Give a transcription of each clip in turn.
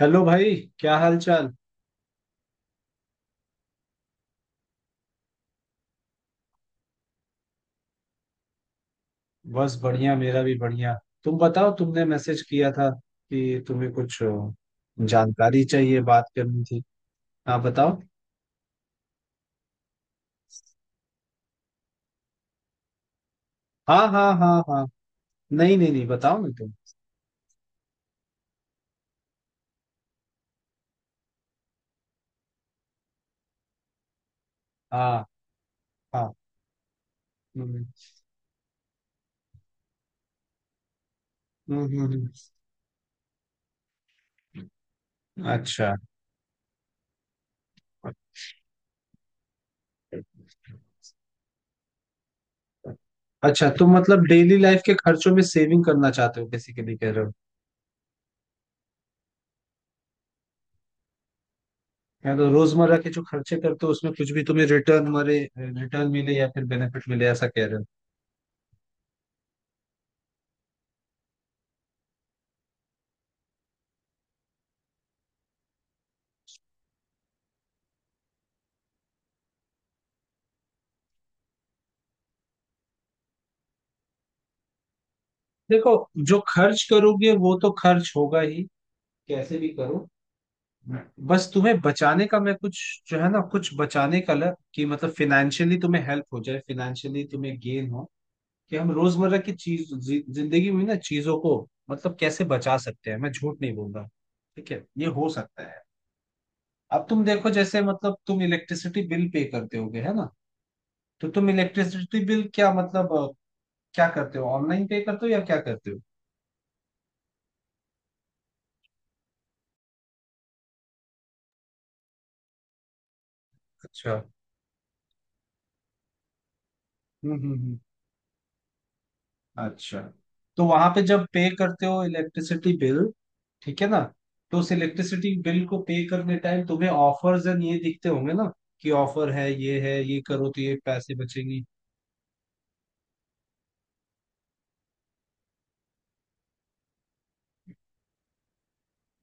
Hello भाई। क्या हाल चाल। बस बढ़िया, मेरा भी बढ़िया। तुम बताओ, तुमने मैसेज किया था कि तुम्हें कुछ जानकारी चाहिए, बात करनी थी। हाँ बताओ। हाँ हाँ हाँ हाँ। नहीं नहीं नहीं, बताओ ना तुम। हाँ हाँ। हम्म हम्म हम्म, हम्म। अच्छा अच्छा अच्छा, तुम मतलब डेली लाइफ के खर्चों में सेविंग करना चाहते हो, बेसिकली कह रहे हो। या तो रोजमर्रा के जो खर्चे करते हो उसमें कुछ भी तुम्हें रिटर्न मिले या फिर बेनिफिट मिले, ऐसा कह रहे हो। देखो, जो खर्च करोगे वो तो खर्च होगा ही, कैसे भी करो। बस तुम्हें बचाने का मैं कुछ, जो है ना, कुछ बचाने का लग कि मतलब फिनेंशियली तुम्हें हेल्प हो जाए, फिनेंशियली तुम्हें गेन हो, कि हम रोजमर्रा की जिंदगी में ना चीजों को मतलब कैसे बचा सकते हैं। मैं झूठ नहीं बोल रहा, ठीक है, ये हो सकता है। अब तुम देखो, जैसे मतलब तुम इलेक्ट्रिसिटी बिल पे करते होगे, है ना? तो तुम इलेक्ट्रिसिटी बिल क्या मतलब क्या करते हो, ऑनलाइन पे करते हो या क्या करते हो? अच्छा। हम्म। अच्छा। तो वहां पे जब पे करते हो इलेक्ट्रिसिटी बिल, ठीक है ना? तो उस इलेक्ट्रिसिटी बिल को पे करने टाइम तुम्हें ऑफर्स एंड ये दिखते होंगे ना, कि ऑफर है, ये है, ये करो तो ये पैसे बचेंगे।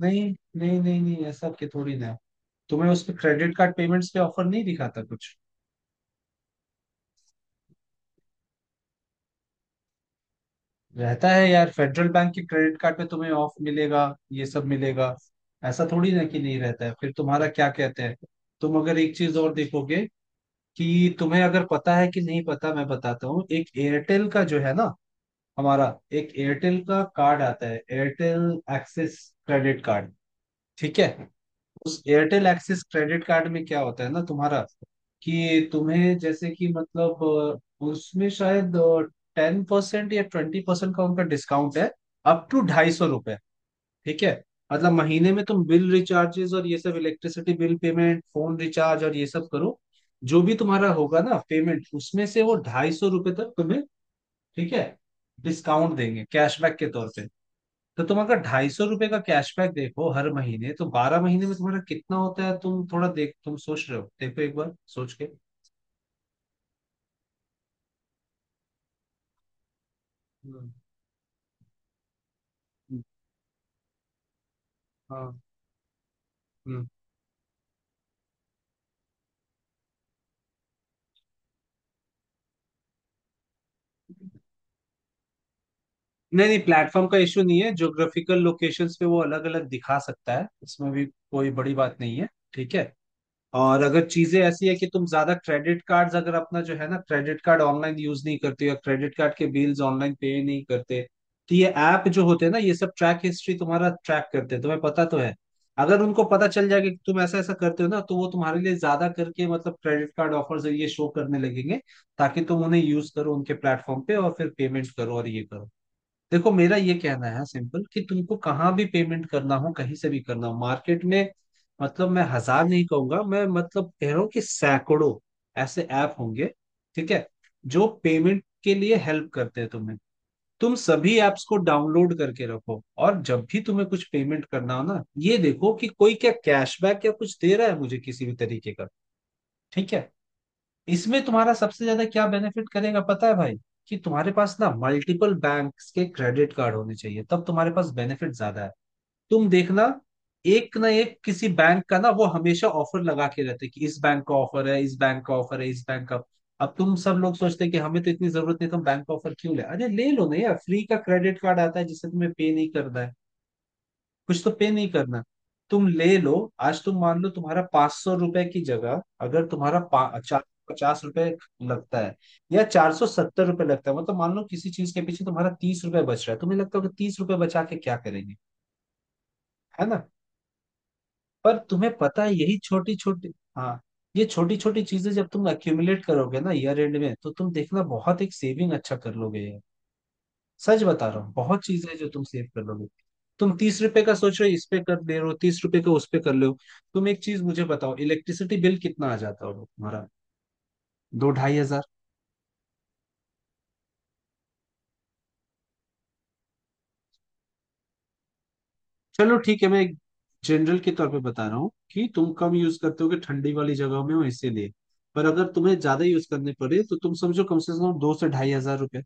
नहीं नहीं नहीं नहीं, ऐसा के थोड़ी ना है। तुम्हें उस पे क्रेडिट कार्ड पेमेंट्स पे ऑफर नहीं दिखाता कुछ? रहता है यार, फेडरल बैंक के क्रेडिट कार्ड पे तुम्हें ऑफ मिलेगा, ये सब मिलेगा। ऐसा थोड़ी ना कि नहीं रहता है। फिर तुम्हारा क्या कहते हैं, तुम अगर एक चीज और देखोगे, कि तुम्हें अगर पता है कि नहीं पता, मैं बताता हूँ। एक एयरटेल का जो है ना हमारा, एक एयरटेल का कार्ड आता है एयरटेल एक्सिस क्रेडिट कार्ड, ठीक है। उस एयरटेल एक्सिस क्रेडिट कार्ड में क्या होता है ना तुम्हारा, कि तुम्हें जैसे कि मतलब उसमें शायद 10% या 20% का उनका डिस्काउंट है, अप टू 250, ठीक है। मतलब महीने में तुम बिल रिचार्जेस और ये सब electricity bill payment, phone recharge और ये सब करो, जो भी तुम्हारा होगा ना पेमेंट, उसमें से वो 250 रुपये तक तुम्हें, ठीक है, डिस्काउंट देंगे कैशबैक के तौर पे। तो तुम अगर 250 रुपये का कैशबैक देखो हर महीने, तो 12 महीने में तुम्हारा कितना होता है? तुम थोड़ा देख, तुम सोच रहे हो, देखो एक बार सोच के। हम्म, हम्म, हाँ, हम्म। नहीं नहीं, प्लेटफॉर्म का इशू नहीं है। ज्योग्राफिकल लोकेशंस पे वो अलग अलग दिखा सकता है, इसमें भी कोई बड़ी बात नहीं है, ठीक है। और अगर चीजें ऐसी है कि तुम ज्यादा क्रेडिट कार्ड्स, अगर अपना जो है ना क्रेडिट कार्ड ऑनलाइन यूज नहीं करते हो या क्रेडिट कार्ड के बिल्स ऑनलाइन पे नहीं करते, तो ये ऐप जो होते हैं ना ये सब ट्रैक हिस्ट्री तुम्हारा ट्रैक करते हैं, तुम्हें पता तो है। अगर उनको पता चल जाएगा कि तुम ऐसा ऐसा करते हो ना, तो वो तुम्हारे लिए ज्यादा करके मतलब क्रेडिट कार्ड ऑफर्स ये शो करने लगेंगे, ताकि तुम उन्हें यूज करो उनके प्लेटफॉर्म पे और फिर पेमेंट करो और ये करो। देखो, मेरा ये कहना है सिंपल, कि तुमको कहाँ भी पेमेंट करना हो कहीं से भी करना हो मार्केट में, मतलब मैं हजार नहीं कहूंगा, मैं मतलब कह रहा हूँ कि सैकड़ों ऐसे ऐप होंगे, ठीक है, जो पेमेंट के लिए हेल्प करते हैं तुम्हें। तुम सभी ऐप्स को डाउनलोड करके रखो, और जब भी तुम्हें कुछ पेमेंट करना हो ना, ये देखो कि कोई क्या कैशबैक या कुछ दे रहा है मुझे किसी भी तरीके का, ठीक है। इसमें तुम्हारा सबसे ज्यादा क्या बेनिफिट करेगा पता है भाई, कि तुम्हारे पास ना मल्टीपल बैंक्स के क्रेडिट कार्ड होने चाहिए, तब तुम्हारे पास बेनिफिट ज्यादा है। तुम देखना, एक ना एक किसी बैंक का ना वो हमेशा ऑफर लगा के रहते हैं, कि इस बैंक का ऑफर है, इस बैंक का ऑफर है, इस बैंक का। अब तुम सब लोग सोचते हैं कि हमें तो इतनी जरूरत नहीं, तो हम बैंक का ऑफर क्यों ले, अरे ले लो ना यार, फ्री का क्रेडिट कार्ड आता है जिससे तुम्हें पे नहीं करना है, कुछ तो पे नहीं करना, तुम ले लो। आज तुम मान लो तुम्हारा 500 रुपए की जगह अगर तुम्हारा 450 रुपए लगता है या 470 रुपए लगता है, मतलब मान लो किसी चीज के पीछे तुम्हारा 30 रुपए बच रहा है, तुम्हें लगता होगा 30 रुपए बचा के क्या करेंगे, है ना। पर तुम्हें पता है यही छोटी छोटी, हाँ, ये छोटी छोटी चीजें जब तुम एक्यूमुलेट करोगे ना ईयर एंड में, तो तुम देखना बहुत एक सेविंग अच्छा कर लोगे। सच बता रहा हूँ, बहुत चीजें हैं जो तुम सेव कर लोगे। तुम 30 रुपए का सोच रहे हो इस पे कर दे रहे हो, 30 रुपए का उस पे कर ले हो। तुम एक चीज मुझे बताओ, इलेक्ट्रिसिटी बिल कितना आ जाता होगा तुम्हारा, 2-2500? चलो ठीक है, मैं एक जनरल के तौर पे बता रहा हूँ कि तुम कम यूज करते होगे, ठंडी वाली जगहों में हो इसीलिए। पर अगर तुम्हें ज्यादा यूज करने पड़े तो तुम समझो कम से कम 2000 से 2500 रुपए,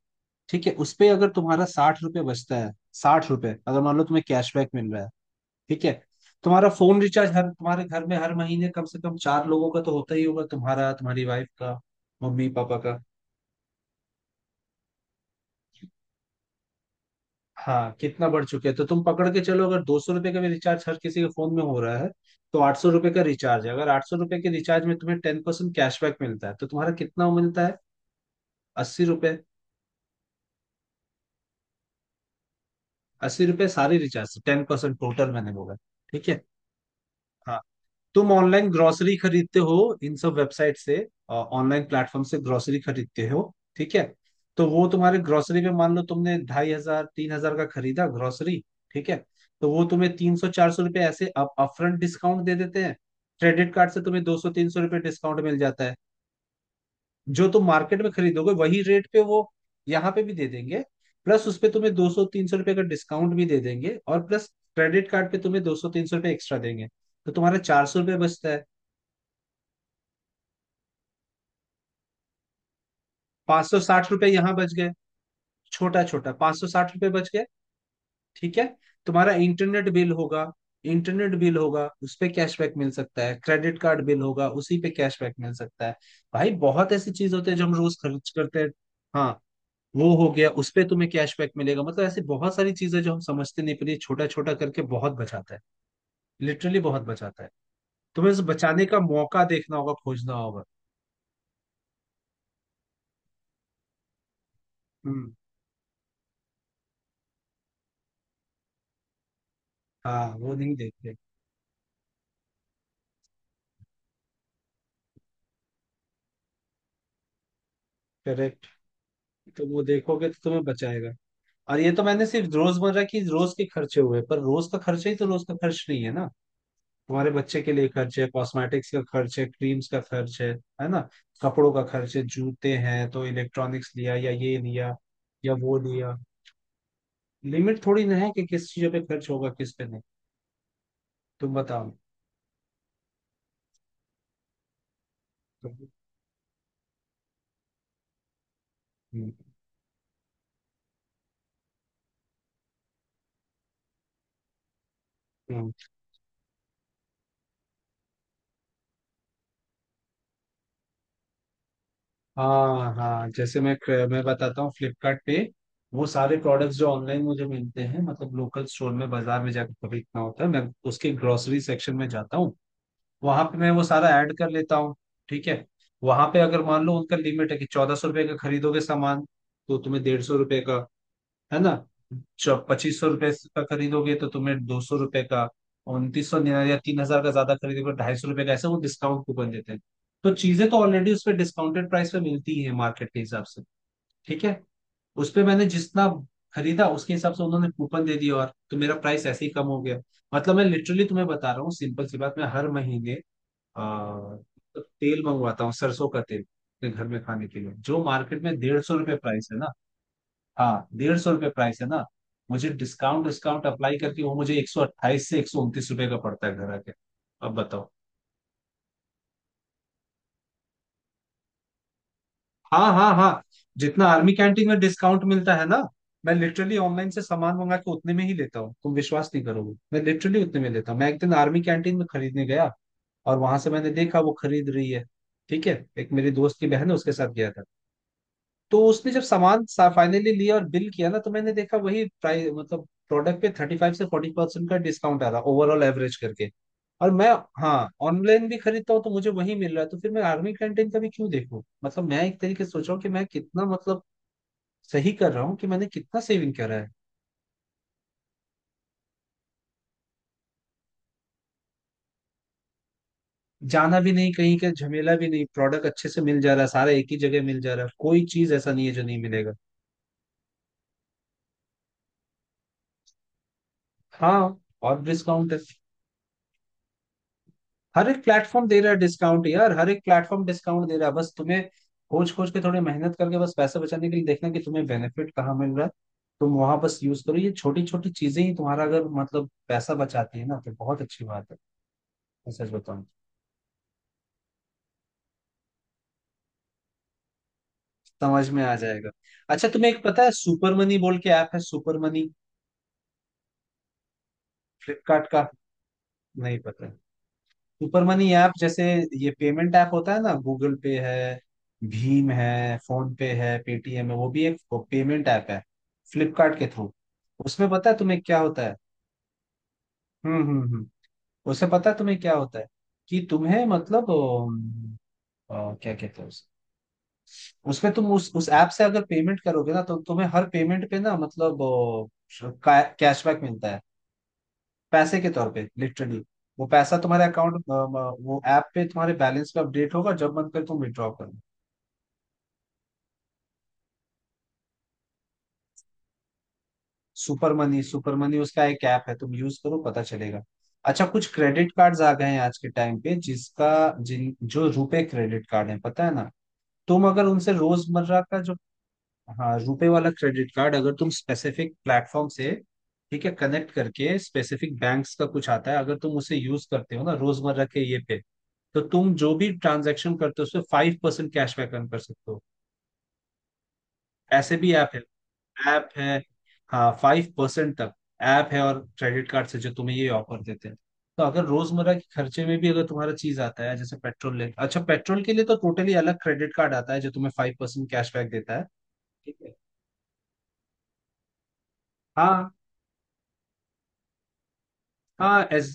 ठीक है। उस पे अगर तुम्हारा 60 रुपए बचता है, 60 रुपए अगर मान लो तुम्हें कैशबैक मिल रहा है, ठीक है। तुम्हारा फोन रिचार्ज हर तुम्हारे घर में हर महीने कम से कम चार लोगों का तो होता ही होगा, तुम्हारा, तुम्हारी वाइफ का, मम्मी पापा का। हाँ, कितना बढ़ चुके हैं, तो तुम पकड़ के चलो, अगर 200 रुपए का भी रिचार्ज हर किसी के फोन में हो रहा है, तो 800 रुपए का रिचार्ज है। अगर 800 रुपए के रिचार्ज में तुम्हें 10% कैशबैक मिलता है, तो तुम्हारा कितना मिलता है, 80 रुपए। अस्सी रुपए सारे रिचार्ज से 10% टोटल मैंने बोला, ठीक है। तुम ऑनलाइन ग्रोसरी खरीदते हो इन सब वेबसाइट से, ऑनलाइन प्लेटफॉर्म से ग्रोसरी खरीदते हो, ठीक है। तो वो तुम्हारे ग्रोसरी पे मान लो तुमने 2500-3000 का खरीदा ग्रोसरी, ठीक है। तो वो तुम्हें 300-400 रुपए ऐसे अप अपफ्रंट डिस्काउंट दे देते हैं, क्रेडिट कार्ड से तुम्हें 200-300 रुपए डिस्काउंट मिल जाता है। जो तुम मार्केट में खरीदोगे वही रेट पे वो यहाँ पे भी दे देंगे, प्लस उस पे तुम्हें 200-300 रुपए का डिस्काउंट भी दे देंगे, और प्लस क्रेडिट कार्ड पे तुम्हें 200-300 रुपए एक्स्ट्रा देंगे। तो तुम्हारा 400 रुपये बचता है, 560 रुपये यहाँ बच गए, छोटा छोटा 560 रुपये बच गए, ठीक है। तुम्हारा इंटरनेट बिल होगा, इंटरनेट बिल होगा उस पे कैशबैक मिल सकता है, क्रेडिट कार्ड बिल होगा उसी पे कैशबैक मिल सकता है। भाई बहुत ऐसी चीज होते हैं जो हम रोज खर्च करते हैं। हाँ, वो हो गया उस पे तुम्हें कैशबैक मिलेगा, मतलब ऐसी बहुत सारी चीजें जो हम समझते नहीं, पर ये छोटा छोटा करके बहुत बचाता है, लिटरली बहुत बचाता है। तुम्हें इसे बचाने का मौका देखना होगा, खोजना होगा। हम्म। हाँ, वो नहीं देखते। करेक्ट, तो वो देखोगे तो तुम्हें बचाएगा। और ये तो मैंने सिर्फ रोजमर्रा की रोज के खर्चे हुए, पर रोज का खर्चा ही तो रोज का खर्च नहीं है ना, तुम्हारे बच्चे के लिए खर्च है, कॉस्मेटिक्स का खर्च है, क्रीम्स का खर्च है ना, कपड़ों का खर्च है, जूते हैं, तो इलेक्ट्रॉनिक्स लिया या ये लिया या वो लिया, लिमिट थोड़ी ना है कि किस चीजों पे खर्च होगा किस पे नहीं। तुम बताओ। हम्म, हम्म। हाँ हाँ, जैसे मैं बताता हूँ फ्लिपकार्ट पे वो सारे प्रोडक्ट्स जो ऑनलाइन मुझे मिलते हैं, मतलब लोकल स्टोर में बाजार में जाकर खरीदना होता है, मैं उसके ग्रोसरी सेक्शन में जाता हूँ, वहां पे मैं वो सारा ऐड कर लेता हूँ, ठीक है। वहां पे अगर मान लो उनका लिमिट है कि 1400 रुपये का खरीदोगे सामान तो तुम्हें 150 रुपये का, है ना, 2500 रुपये का खरीदोगे तो तुम्हें 200 रुपये का, 2900 या 3000 का ज्यादा खरीदोगे तो 250 रुपये का, ऐसे वो डिस्काउंट कूपन देते हैं। तो चीजें तो ऑलरेडी उस पर डिस्काउंटेड प्राइस पे मिलती है मार्केट के हिसाब से, ठीक है, उस पे मैंने जितना खरीदा उसके हिसाब से उन्होंने कूपन दे दिया, और तो मेरा प्राइस ऐसे ही कम हो गया। मतलब मैं लिटरली तुम्हें बता रहा हूँ सिंपल सी बात, मैं हर महीने आ, तेल मंगवाता हूँ, सरसों का तेल, अपने घर में खाने के लिए, जो मार्केट में 150 रुपये प्राइस है ना। हाँ, 150 रुपये प्राइस है ना, मुझे डिस्काउंट डिस्काउंट अप्लाई करके वो मुझे 128 से 129 रुपये का पड़ता है घर आके। अब बताओ। हाँ हाँ हाँ, जितना आर्मी कैंटीन में डिस्काउंट मिलता है ना, मैं लिटरली ऑनलाइन से सामान मंगा के उतने में ही लेता हूँ, तुम विश्वास नहीं करोगे। मैं लिटरली उतने में लेता हूँ। मैं एक दिन आर्मी कैंटीन में खरीदने गया, और वहां से मैंने देखा वो खरीद रही है। ठीक है, एक मेरी दोस्त की बहन है, उसके साथ गया था। तो उसने जब सामान फाइनली लिया और बिल किया ना, तो मैंने देखा वही प्राइस, मतलब प्रोडक्ट पे 35 से 40% का डिस्काउंट आ रहा, ओवरऑल एवरेज करके। और मैं, हाँ, ऑनलाइन भी खरीदता हूँ तो मुझे वही मिल रहा है। तो फिर मैं आर्मी कैंटीन का भी क्यों देखूँ? मतलब मैं एक तरीके से सोच रहा हूँ कि मैं कितना, मतलब, सही कर रहा हूँ, कि मैंने कितना सेविंग करा है। जाना भी नहीं, कहीं का झमेला भी नहीं, प्रोडक्ट अच्छे से मिल जा रहा है, सारा एक ही जगह मिल जा रहा है, कोई चीज ऐसा नहीं है जो नहीं मिलेगा। हाँ, और डिस्काउंट है। हर एक प्लेटफॉर्म दे रहा है डिस्काउंट यार, हर एक प्लेटफॉर्म डिस्काउंट दे रहा है। बस तुम्हें खोज खोज के थोड़ी मेहनत करके, बस पैसे बचाने के लिए देखना कि तुम्हें बेनिफिट कहाँ मिल रहा है। तुम वहां बस यूज करो, ये छोटी छोटी चीजें ही तुम्हारा अगर मतलब पैसा बचाती है ना, तो बहुत अच्छी बात है। मैं सच बताऊं, समझ में आ जाएगा। अच्छा, तुम्हें एक पता है? सुपर मनी बोल के ऐप है, सुपर मनी, फ्लिपकार्ट का। नहीं पता? सुपर मनी ऐप, जैसे ये पेमेंट ऐप होता है ना, गूगल पे है, भीम है, फोन पे है, पेटीएम है, वो भी एक पेमेंट ऐप है, फ्लिपकार्ट के थ्रू। उसमें पता है तुम्हें क्या होता है? हम्म हम्म हम्म उसमें पता है तुम्हें क्या होता है, कि तुम्हें मतलब क्या कहते हैं उस उसमें, तुम उस ऐप से अगर पेमेंट करोगे ना, तो तुम्हें हर पेमेंट पे ना, मतलब कैशबैक मिलता है, पैसे के तौर पे, लिटरली। वो पैसा तुम्हारे अकाउंट, वो ऐप पे तुम्हारे बैलेंस पे अपडेट होगा, जब मन करे तुम विड्रॉ करो। सुपर मनी, सुपर मनी उसका एक ऐप है, तुम यूज करो, पता चलेगा। अच्छा, कुछ क्रेडिट कार्ड्स आ गए हैं आज के टाइम पे, जिसका, जिन, जो रुपे क्रेडिट कार्ड है, पता है ना? तुम अगर उनसे रोजमर्रा का जो... हाँ, रुपे वाला क्रेडिट कार्ड, अगर तुम स्पेसिफिक प्लेटफॉर्म से, ठीक है, कनेक्ट करके, स्पेसिफिक बैंक्स का कुछ आता है, अगर तुम उसे यूज करते हो ना, रोजमर्रा के ये पे, तो तुम जो भी ट्रांजैक्शन करते हो उसपे 5% कैशबैक अर्न कर सकते हो। ऐसे भी ऐप है, ऐप है, हाँ, 5% तक। ऐप है, और क्रेडिट कार्ड से जो तुम्हें ये ऑफर देते हैं। तो अगर रोजमर्रा के खर्चे में भी अगर तुम्हारा चीज आता है जैसे पेट्रोल, ले अच्छा पेट्रोल के लिए तो टोटली अलग क्रेडिट कार्ड आता है जो तुम्हें 5% कैशबैक देता है। ठीक है, हाँ, हाँ। एस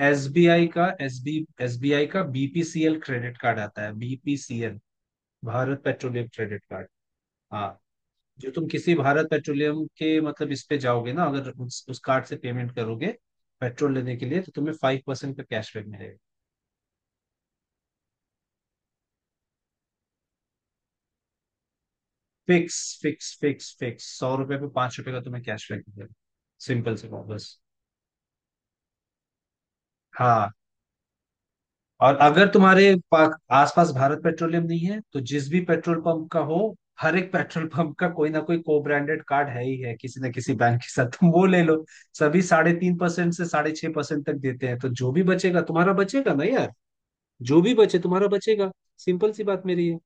एस बी आई का एस बी आई का बीपीसीएल क्रेडिट कार्ड आता है, BPCL, Bharat Petroleum credit card, हाँ। जो तुम किसी भारत पेट्रोलियम के मतलब इस पे जाओगे ना, अगर उस कार्ड से पेमेंट करोगे पेट्रोल लेने के लिए, तो तुम्हें 5% का कैशबैक मिलेगा। फिक्स, फिक्स, फिक्स, फिक्स, 100 रुपए पे 5 रुपए का तुम्हें कैशबैक मिलेगा, सिंपल से कहो बस। हाँ, और अगर आसपास भारत पेट्रोलियम नहीं है, तो जिस भी पेट्रोल पंप का हो, हर एक पेट्रोल पंप का कोई ना कोई को ब्रांडेड कार्ड है ही है किसी ना किसी बैंक के साथ, तुम वो ले लो। सभी 3.5% से 6.5% तक देते हैं, तो जो भी बचेगा तुम्हारा बचेगा ना यार, जो भी बचे तुम्हारा बचेगा। सिंपल सी बात मेरी है।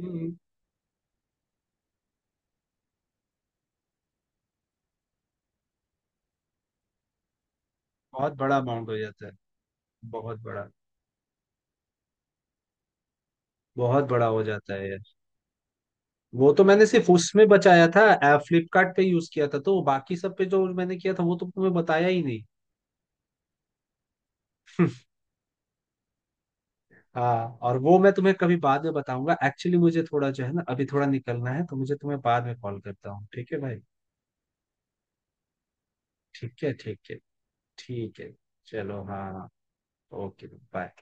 हम्म, बहुत बड़ा अमाउंट हो जाता है, बहुत बड़ा, बहुत बड़ा हो जाता है यार। वो तो मैंने सिर्फ उसमें बचाया था, फ्लिपकार्ट पे यूज किया था, तो बाकी सब पे जो मैंने किया था वो तो तुम्हें बताया ही नहीं। हाँ, और वो मैं तुम्हें कभी बाद में बताऊंगा। एक्चुअली, मुझे थोड़ा जो है ना, अभी थोड़ा निकलना है तो मुझे तुम्हें बाद में कॉल करता हूँ, ठीक है भाई। ठीक है, ठीक है, ठीक है, चलो, हाँ, ओके, बाय।